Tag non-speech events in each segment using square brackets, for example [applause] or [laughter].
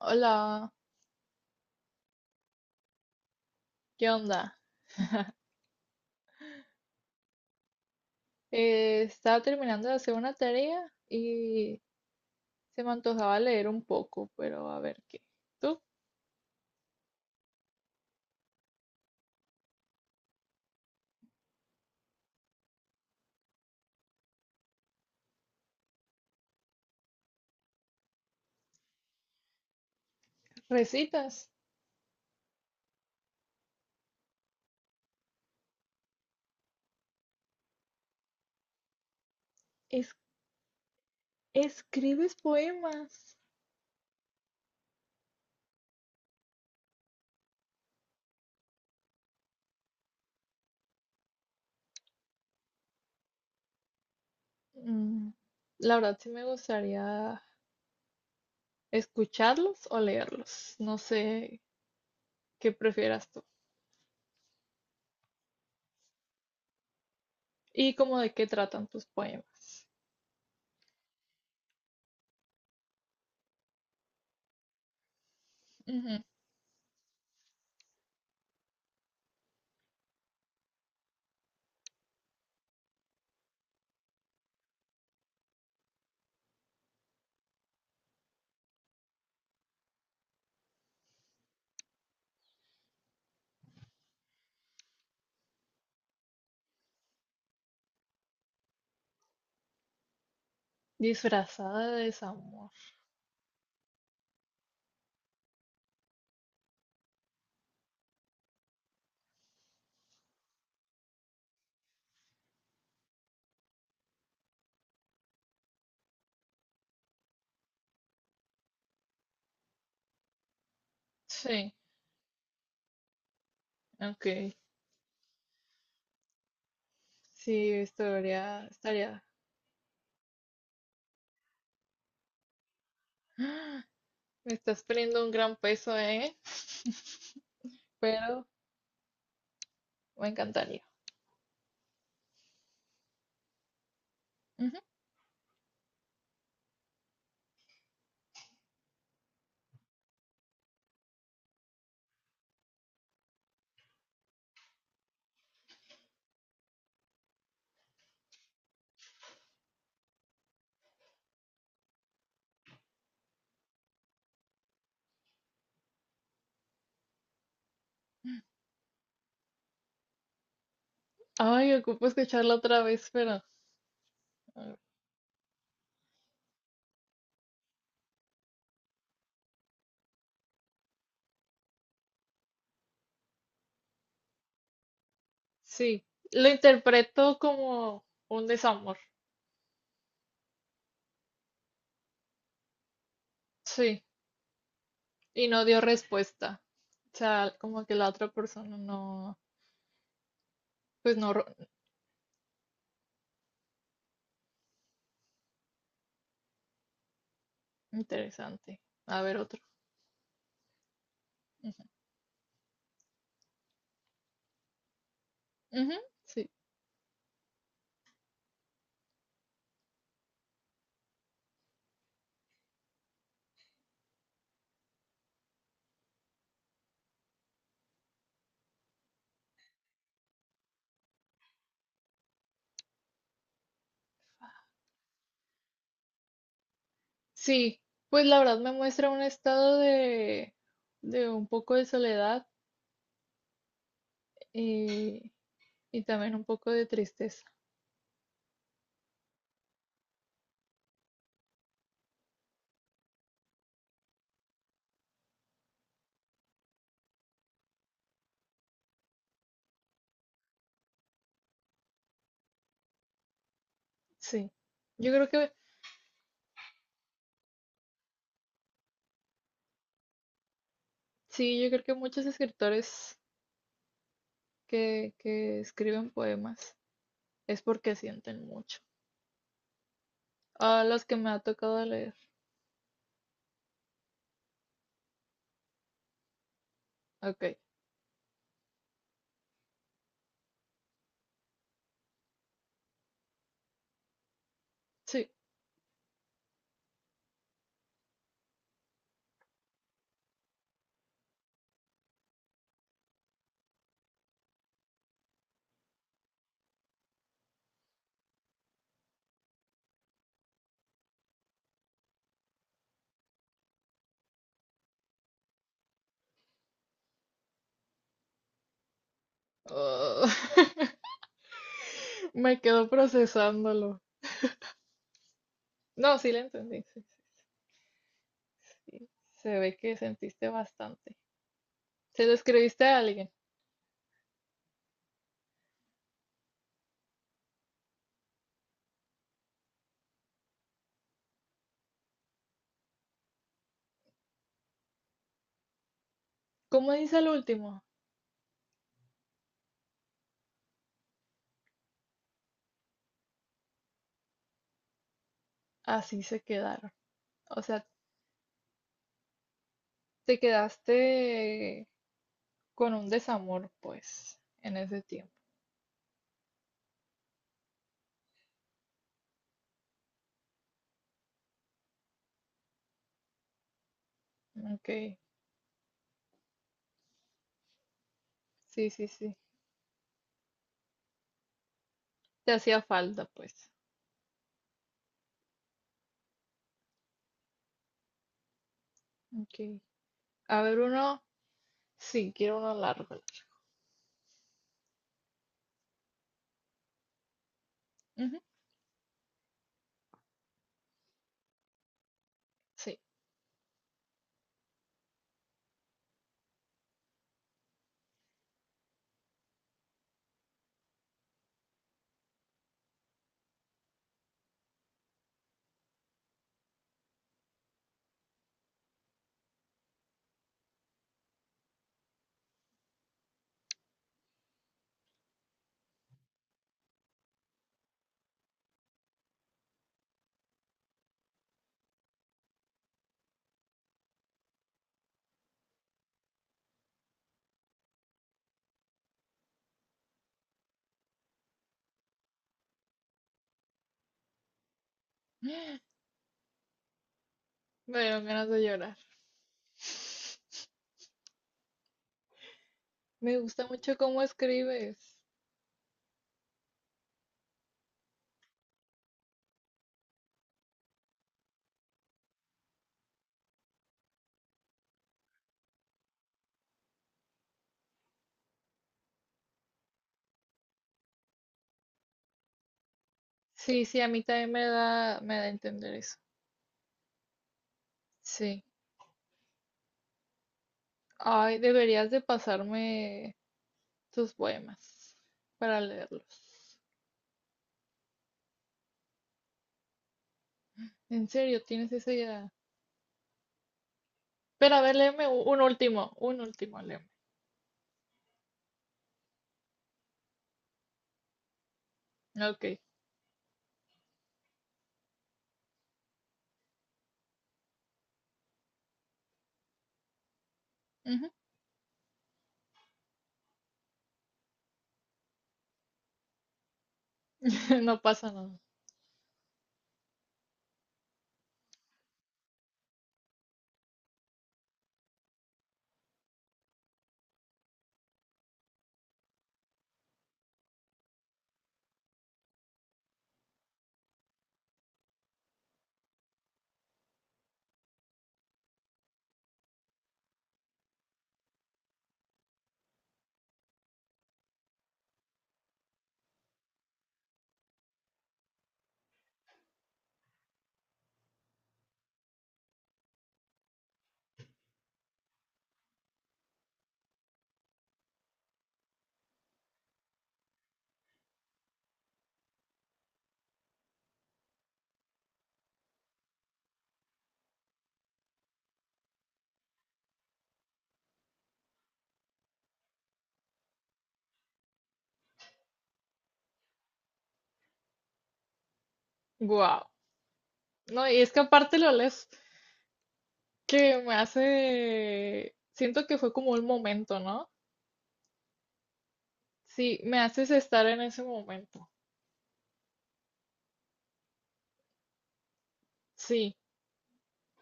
Hola, ¿qué onda? Estaba terminando de hacer una tarea y se me antojaba leer un poco, pero a ver qué. ¿Tú recitas? Es- ¿Escribes poemas? Mm, la verdad sí me gustaría escucharlos o leerlos. No sé qué prefieras tú. ¿Y cómo de qué tratan tus poemas? Ujú. Disfrazada de desamor. Sí, ok. Sí, estaría, estaría. [gasps] Me estás poniendo un gran peso, ¿eh? Pero me encantaría. Ujú. Ay, ocupo escucharla otra vez, pero ah, sí. Lo interpreto como un desamor. Sí. Y no dio respuesta. O sea, como que la otra persona no. Pues no. Interesante. A ver, otro. Ujú. Ujú. Sí. Sí. Pues la verdad me muestra un estado de. De un poco de soledad y. Y también un poco de tristeza. Sí. Yo creo que sí, yo creo que muchos escritores que escriben poemas es porque sienten mucho. A los que me ha tocado leer. Ok, sí. Ah, [laughs] me quedo procesándolo. No, sí le entendí. Sí, sí. Se ve que sentiste bastante. Se lo escribiste a alguien. ¿Cómo dice el último? Así se quedaron. O sea, te quedaste con un desamor, pues, en ese tiempo. Ok, sí, sí, sí. Te hacía falta, pues. Ok. A ver, uno. Sí, quiero uno largo. Ujú. Sí. [gasps] Me dieron ganas de llorar. Me gusta mucho cómo escribes. Sí, sí, a mí también me da a entender eso. Sí. Ay, deberías de pasarme tus poemas para leerlos. En serio, tienes esa idea. Pero a ver, léeme un último, léeme. Ok. Ujú. [laughs] No pasa nada. Wow. No, y es que aparte lo lees. Que me hace, siento que fue como un momento, ¿no? Sí, me haces estar en ese momento. Sí,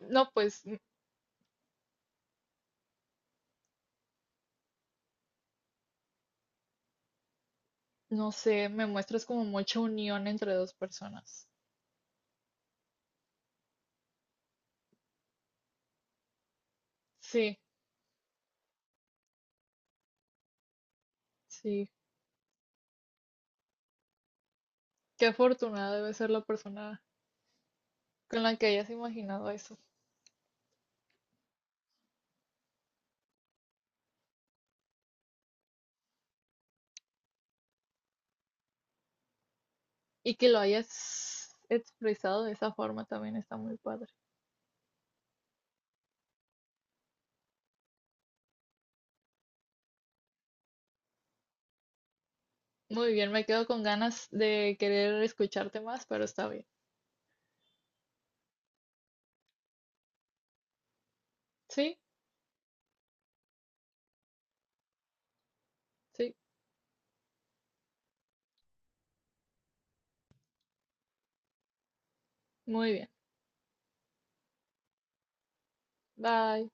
no, pues, no sé, me muestras como mucha unión entre dos personas. Sí, sí, qué afortunada debe ser la persona con la que hayas imaginado eso y que lo hayas expresado de esa forma también está muy padre. Muy bien, me quedo con ganas de querer escucharte más, pero está bien. Sí, sí, muy bien. Bye.